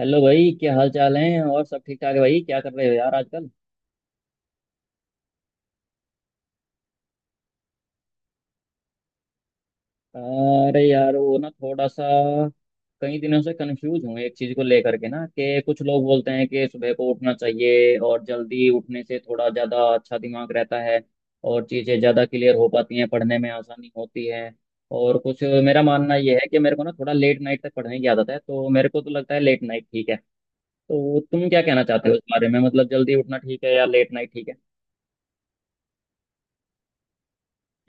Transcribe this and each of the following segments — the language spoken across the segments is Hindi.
हेलो भाई, क्या हाल चाल है? और सब ठीक ठाक है? भाई क्या कर रहे हो यार आजकल? अरे यार वो ना थोड़ा सा कई दिनों से कंफ्यूज हूँ एक चीज को लेकर के, ना कि कुछ लोग बोलते हैं कि सुबह को उठना चाहिए और जल्दी उठने से थोड़ा ज्यादा अच्छा दिमाग रहता है और चीजें ज्यादा क्लियर हो पाती हैं, पढ़ने में आसानी होती है। और कुछ मेरा मानना यह है कि मेरे को ना थोड़ा लेट नाइट तक पढ़ने की आदत है, तो मेरे को तो लगता है लेट नाइट ठीक है। तो तुम क्या कहना चाहते हो इस बारे में? मतलब जल्दी उठना ठीक है या लेट नाइट ठीक है?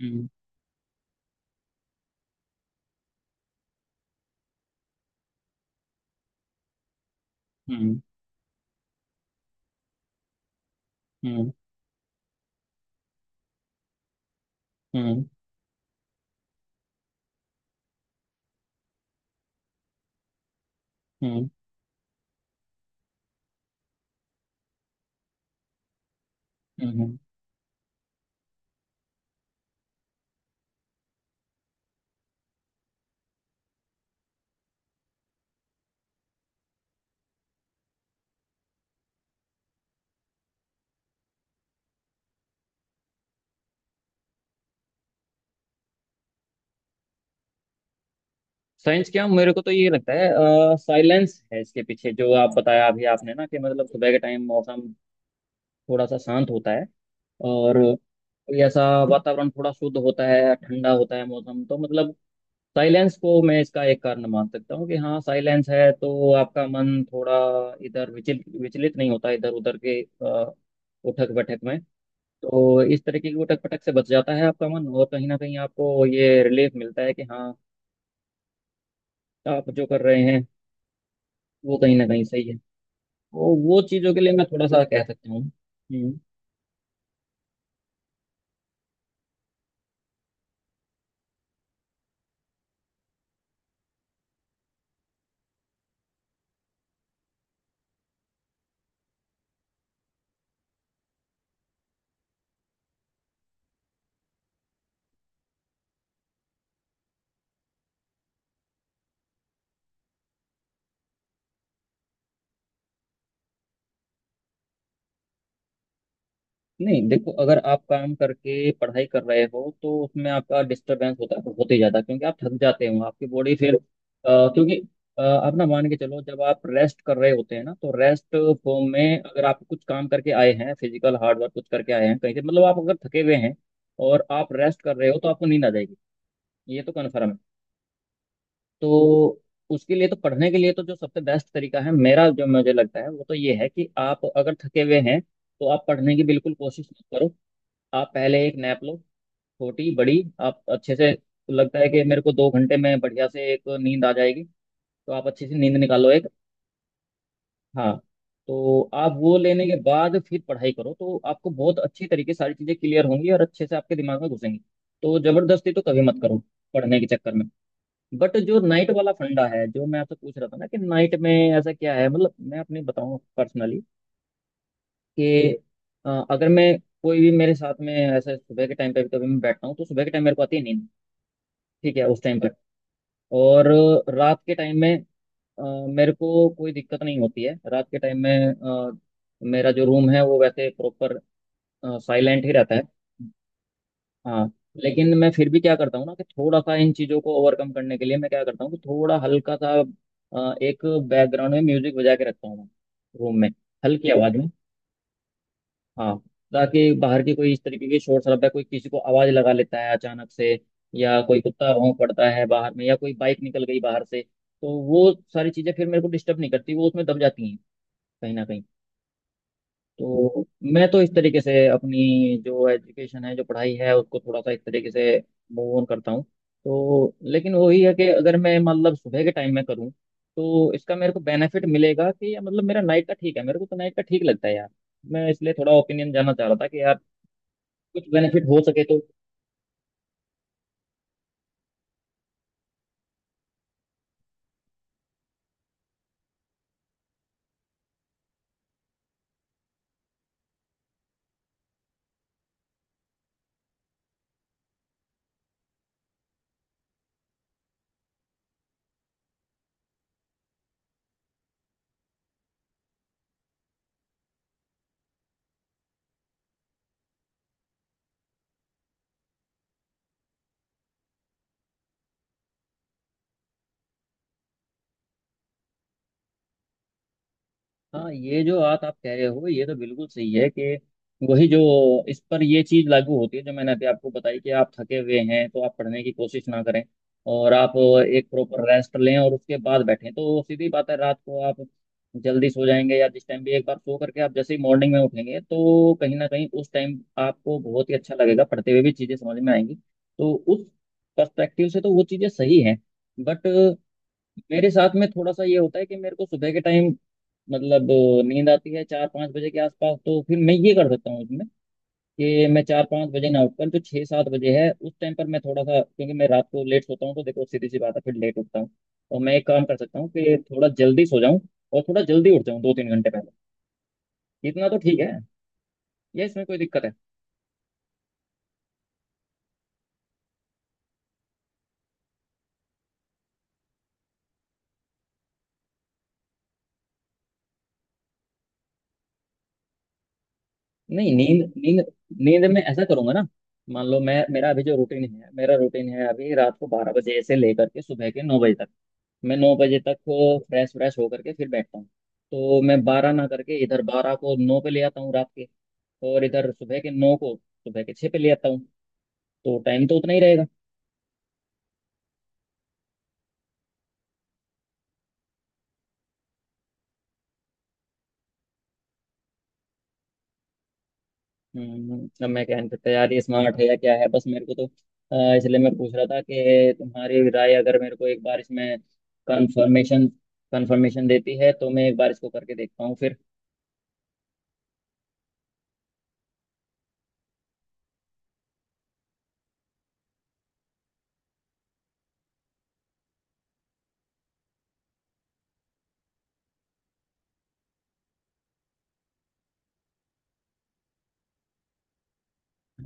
हम्म हम्म हम्म हम्म हम्म हम्म। साइंस क्या, मेरे को तो ये लगता है साइलेंस है इसके पीछे, जो आप बताया अभी आपने ना कि मतलब सुबह के टाइम मौसम थोड़ा सा शांत होता है और कोई ऐसा वातावरण थोड़ा शुद्ध होता है, ठंडा होता है मौसम, तो मतलब साइलेंस को मैं इसका एक कारण मान सकता हूँ कि हाँ साइलेंस है तो आपका मन थोड़ा इधर विचल विचलित नहीं होता, इधर उधर के उठक बैठक में। तो इस तरीके की उठक पटक से बच जाता है आपका मन और कहीं ना कहीं आपको ये रिलीफ मिलता है कि हाँ आप जो कर रहे हैं वो कहीं ना कहीं सही है। वो चीज़ों के लिए मैं थोड़ा सा कह सकता हूँ। नहीं देखो, अगर आप काम करके पढ़ाई कर रहे हो तो उसमें आपका डिस्टरबेंस होता होते ही जाता है, क्योंकि आप थक जाते हो, आपकी बॉडी फिर क्योंकि आप ना मान के चलो, जब आप रेस्ट कर रहे होते हैं ना तो रेस्ट फॉर्म में अगर आप कुछ काम करके आए हैं, फिजिकल हार्ड वर्क कुछ करके आए हैं कहीं से, मतलब आप अगर थके हुए हैं और आप रेस्ट कर रहे हो तो आपको नींद आ जाएगी, ये तो कन्फर्म है। तो उसके लिए तो, पढ़ने के लिए तो जो सबसे बेस्ट तरीका है, मेरा जो मुझे लगता है वो तो ये है कि आप अगर थके हुए हैं तो आप पढ़ने की बिल्कुल कोशिश मत करो। आप पहले एक नैप लो, छोटी बड़ी आप अच्छे से, लगता है कि मेरे को दो घंटे में बढ़िया से एक नींद आ जाएगी, तो आप अच्छी सी नींद निकालो एक। हाँ, तो आप वो लेने के बाद फिर पढ़ाई करो तो आपको बहुत अच्छी तरीके से सारी चीज़ें क्लियर होंगी और अच्छे से आपके दिमाग में घुसेंगी। तो जबरदस्ती तो कभी मत करो पढ़ने के चक्कर में। बट जो नाइट वाला फंडा है जो मैं आपसे पूछ रहा था ना, कि नाइट में ऐसा क्या है? मतलब मैं अपनी बताऊं पर्सनली कि अगर मैं कोई भी मेरे साथ में ऐसा, सुबह के टाइम पे भी कभी मैं बैठता हूँ तो सुबह के टाइम मेरे को आती है नींद, ठीक है उस टाइम पर। और रात के टाइम में अ, मेरे को कोई दिक्कत नहीं होती है, रात के टाइम में मेरा जो रूम है वो वैसे प्रॉपर साइलेंट ही रहता है। हाँ, लेकिन मैं फिर भी क्या करता हूँ ना कि थोड़ा सा इन चीज़ों को ओवरकम करने के लिए मैं क्या करता हूँ कि थोड़ा हल्का सा एक बैकग्राउंड में म्यूजिक बजा के रखता हूँ मैं, रूम में, हल्की आवाज़ में। हाँ, ताकि बाहर की कोई इस तरीके की शोर शराबा, कोई किसी को आवाज़ लगा लेता है अचानक से, या कोई कुत्ता भौंक पड़ता है बाहर में, या कोई बाइक निकल गई बाहर से, तो वो सारी चीज़ें फिर मेरे को डिस्टर्ब नहीं करती, वो उसमें दब जाती हैं कहीं ना कहीं। तो मैं तो इस तरीके से अपनी जो एजुकेशन है, जो पढ़ाई है, उसको थोड़ा सा इस तरीके से मूव ऑन करता हूँ। तो लेकिन वही है कि अगर मैं मतलब सुबह के टाइम में करूँ तो इसका मेरे को बेनिफिट मिलेगा कि, या मतलब मेरा नाइट का ठीक है? मेरे को तो नाइट का ठीक लगता है यार। मैं इसलिए थोड़ा ओपिनियन जानना चाह रहा था कि यार कुछ बेनिफिट हो सके तो। हाँ, ये जो बात आप कह रहे हो ये तो बिल्कुल सही है कि वही जो, इस पर ये चीज लागू होती है जो मैंने अभी आपको बताई कि आप थके हुए हैं तो आप पढ़ने की कोशिश ना करें और आप एक प्रॉपर रेस्ट लें और उसके बाद बैठें, तो सीधी बात है रात को आप जल्दी सो जाएंगे या जिस टाइम भी एक बार सो करके आप जैसे ही मॉर्निंग में उठेंगे तो कहीं ना कहीं उस टाइम आपको बहुत ही अच्छा लगेगा, पढ़ते हुए भी चीजें समझ में आएंगी। तो उस पर्सपेक्टिव से तो वो चीजें सही हैं। बट मेरे साथ में थोड़ा सा ये होता है कि मेरे को सुबह के टाइम मतलब नींद आती है चार पाँच बजे के आसपास, तो फिर मैं ये कर सकता हूँ उसमें कि मैं चार पाँच बजे ना उठकर जो छः सात बजे है उस टाइम पर, मैं थोड़ा सा, क्योंकि मैं रात को लेट सोता हूँ तो देखो सीधी सी बात है फिर लेट उठता हूँ, तो मैं एक काम कर सकता हूँ कि थोड़ा जल्दी सो जाऊँ और थोड़ा जल्दी उठ जाऊँ, दो तीन घंटे पहले। इतना तो ठीक है, ये इसमें कोई दिक्कत है? नहीं नींद नींद नींद में ऐसा करूंगा ना, मान लो मैं, मेरा अभी जो रूटीन है, मेरा रूटीन है अभी रात को बारह बजे से लेकर के सुबह के नौ बजे तक, मैं नौ बजे तक फ्रेश व्रेश होकर के फिर बैठता हूँ। तो मैं बारह ना करके इधर बारह को नौ पे ले आता हूँ रात के, और इधर सुबह के नौ को सुबह के छः पे ले आता हूँ, तो टाइम तो उतना ही रहेगा। अब मैं क्या नहीं सकता यार ये स्मार्ट है या क्या है, बस मेरे को तो इसलिए मैं पूछ रहा था कि तुम्हारी राय अगर मेरे को एक बार इसमें कंफर्मेशन कंफर्मेशन देती है तो मैं एक बार इसको करके देखता हूँ फिर।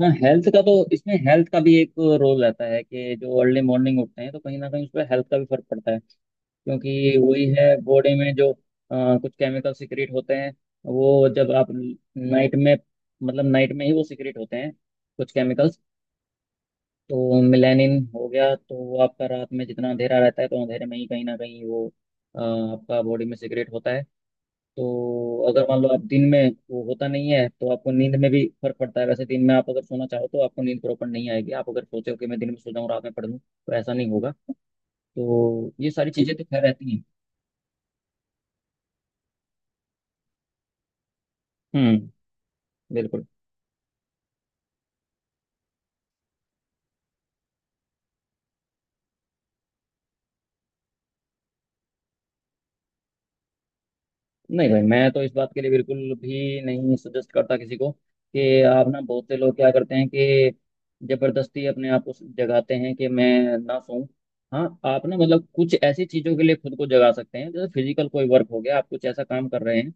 हाँ, हेल्थ का तो, इसमें हेल्थ का भी एक रोल रहता है, कि जो अर्ली मॉर्निंग उठते हैं तो कहीं ना कहीं उस पर हेल्थ का भी फर्क पड़ता है, क्योंकि वही है, बॉडी में जो कुछ केमिकल सिक्रेट होते हैं, वो जब आप नाइट में, मतलब नाइट में ही वो सिक्रेट होते हैं, कुछ केमिकल्स। तो मेलानिन हो गया, तो वो आपका रात में जितना अंधेरा रहता है तो अंधेरे में ही कहीं ना कहीं वो आपका बॉडी में सिक्रेट होता है। तो अगर मान लो आप दिन में, वो होता नहीं है, तो आपको नींद में भी फर्क पड़ता है। वैसे दिन में आप अगर सोना चाहो तो आपको नींद प्रॉपर नहीं आएगी, आप अगर सोचो कि मैं दिन में सो जाऊँ रात में पढ़ लूँ, तो ऐसा नहीं होगा। तो ये सारी चीज़ें तो खैर रहती हैं। हम्म, बिल्कुल। नहीं भाई, मैं तो इस बात के लिए बिल्कुल भी नहीं सजेस्ट करता किसी को कि आप ना, बहुत से लोग क्या करते हैं कि जबरदस्ती अपने आप को जगाते हैं कि मैं ना सोऊं। हाँ, आप ना मतलब कुछ ऐसी चीजों के लिए खुद को जगा सकते हैं जैसे फिजिकल कोई वर्क हो गया, आप कुछ ऐसा काम कर रहे हैं,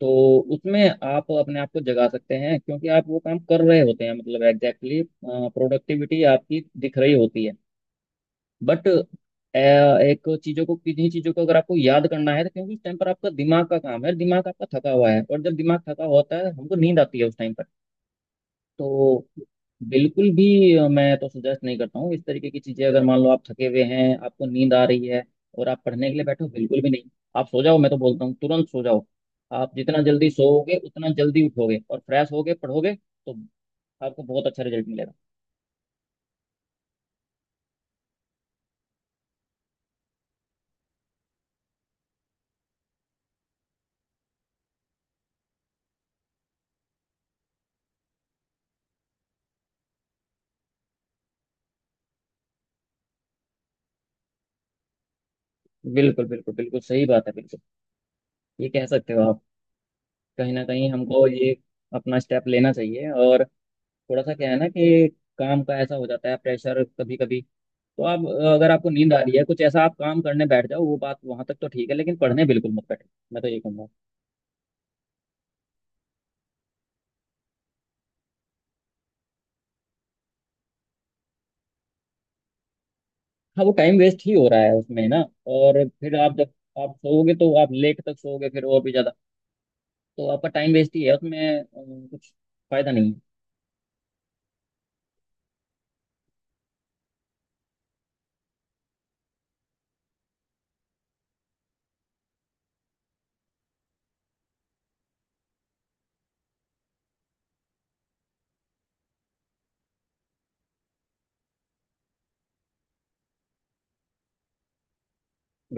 तो उसमें आप अपने आप को जगा सकते हैं क्योंकि आप वो काम कर रहे होते हैं, मतलब एग्जैक्टली प्रोडक्टिविटी आपकी दिख रही होती है। बट एक चीजों को, किन्हीं चीजों को अगर आपको याद करना है, तो क्योंकि उस टाइम पर आपका दिमाग का काम है, दिमाग आपका थका हुआ है, और जब दिमाग थका होता है हमको नींद आती है उस टाइम पर, तो बिल्कुल भी मैं तो सजेस्ट नहीं करता हूँ इस तरीके की चीजें। अगर मान लो आप थके हुए हैं, आपको नींद आ रही है, और आप पढ़ने के लिए बैठो, बिल्कुल भी नहीं। आप सो जाओ, मैं तो बोलता हूँ तुरंत सो जाओ। आप जितना जल्दी सोओगे उतना जल्दी उठोगे और फ्रेश होगे, पढ़ोगे, तो आपको बहुत अच्छा रिजल्ट मिलेगा। बिल्कुल बिल्कुल बिल्कुल सही बात है, बिल्कुल। ये कह सकते हो आप, कहीं ना कहीं हमको ये अपना स्टेप लेना चाहिए। और थोड़ा सा क्या है ना कि काम का ऐसा हो जाता है प्रेशर कभी कभी, तो आप, अगर आपको नींद आ रही है कुछ ऐसा आप काम करने बैठ जाओ, वो बात वहां तक तो ठीक है, लेकिन पढ़ने बिल्कुल मत बैठो, मैं तो ये कहूंगा। हाँ, वो टाइम वेस्ट ही हो रहा है उसमें ना, और फिर आप जब, आप सोओगे तो आप लेट तक सोओगे फिर, और भी ज्यादा। तो आपका टाइम वेस्ट ही है उसमें, कुछ फायदा नहीं है।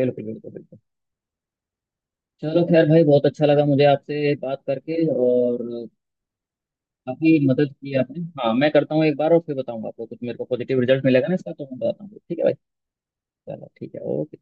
बिल्कुल बिल्कुल बिल्कुल। चलो खैर भाई, बहुत अच्छा लगा मुझे आपसे बात करके, और काफी मदद की आपने। हाँ मैं करता हूँ एक बार और फिर बताऊंगा आपको, कुछ मेरे को पॉजिटिव रिजल्ट मिलेगा ना इसका तो मैं बताता हूँ, ठीक है भाई? चलो ठीक है, ओके।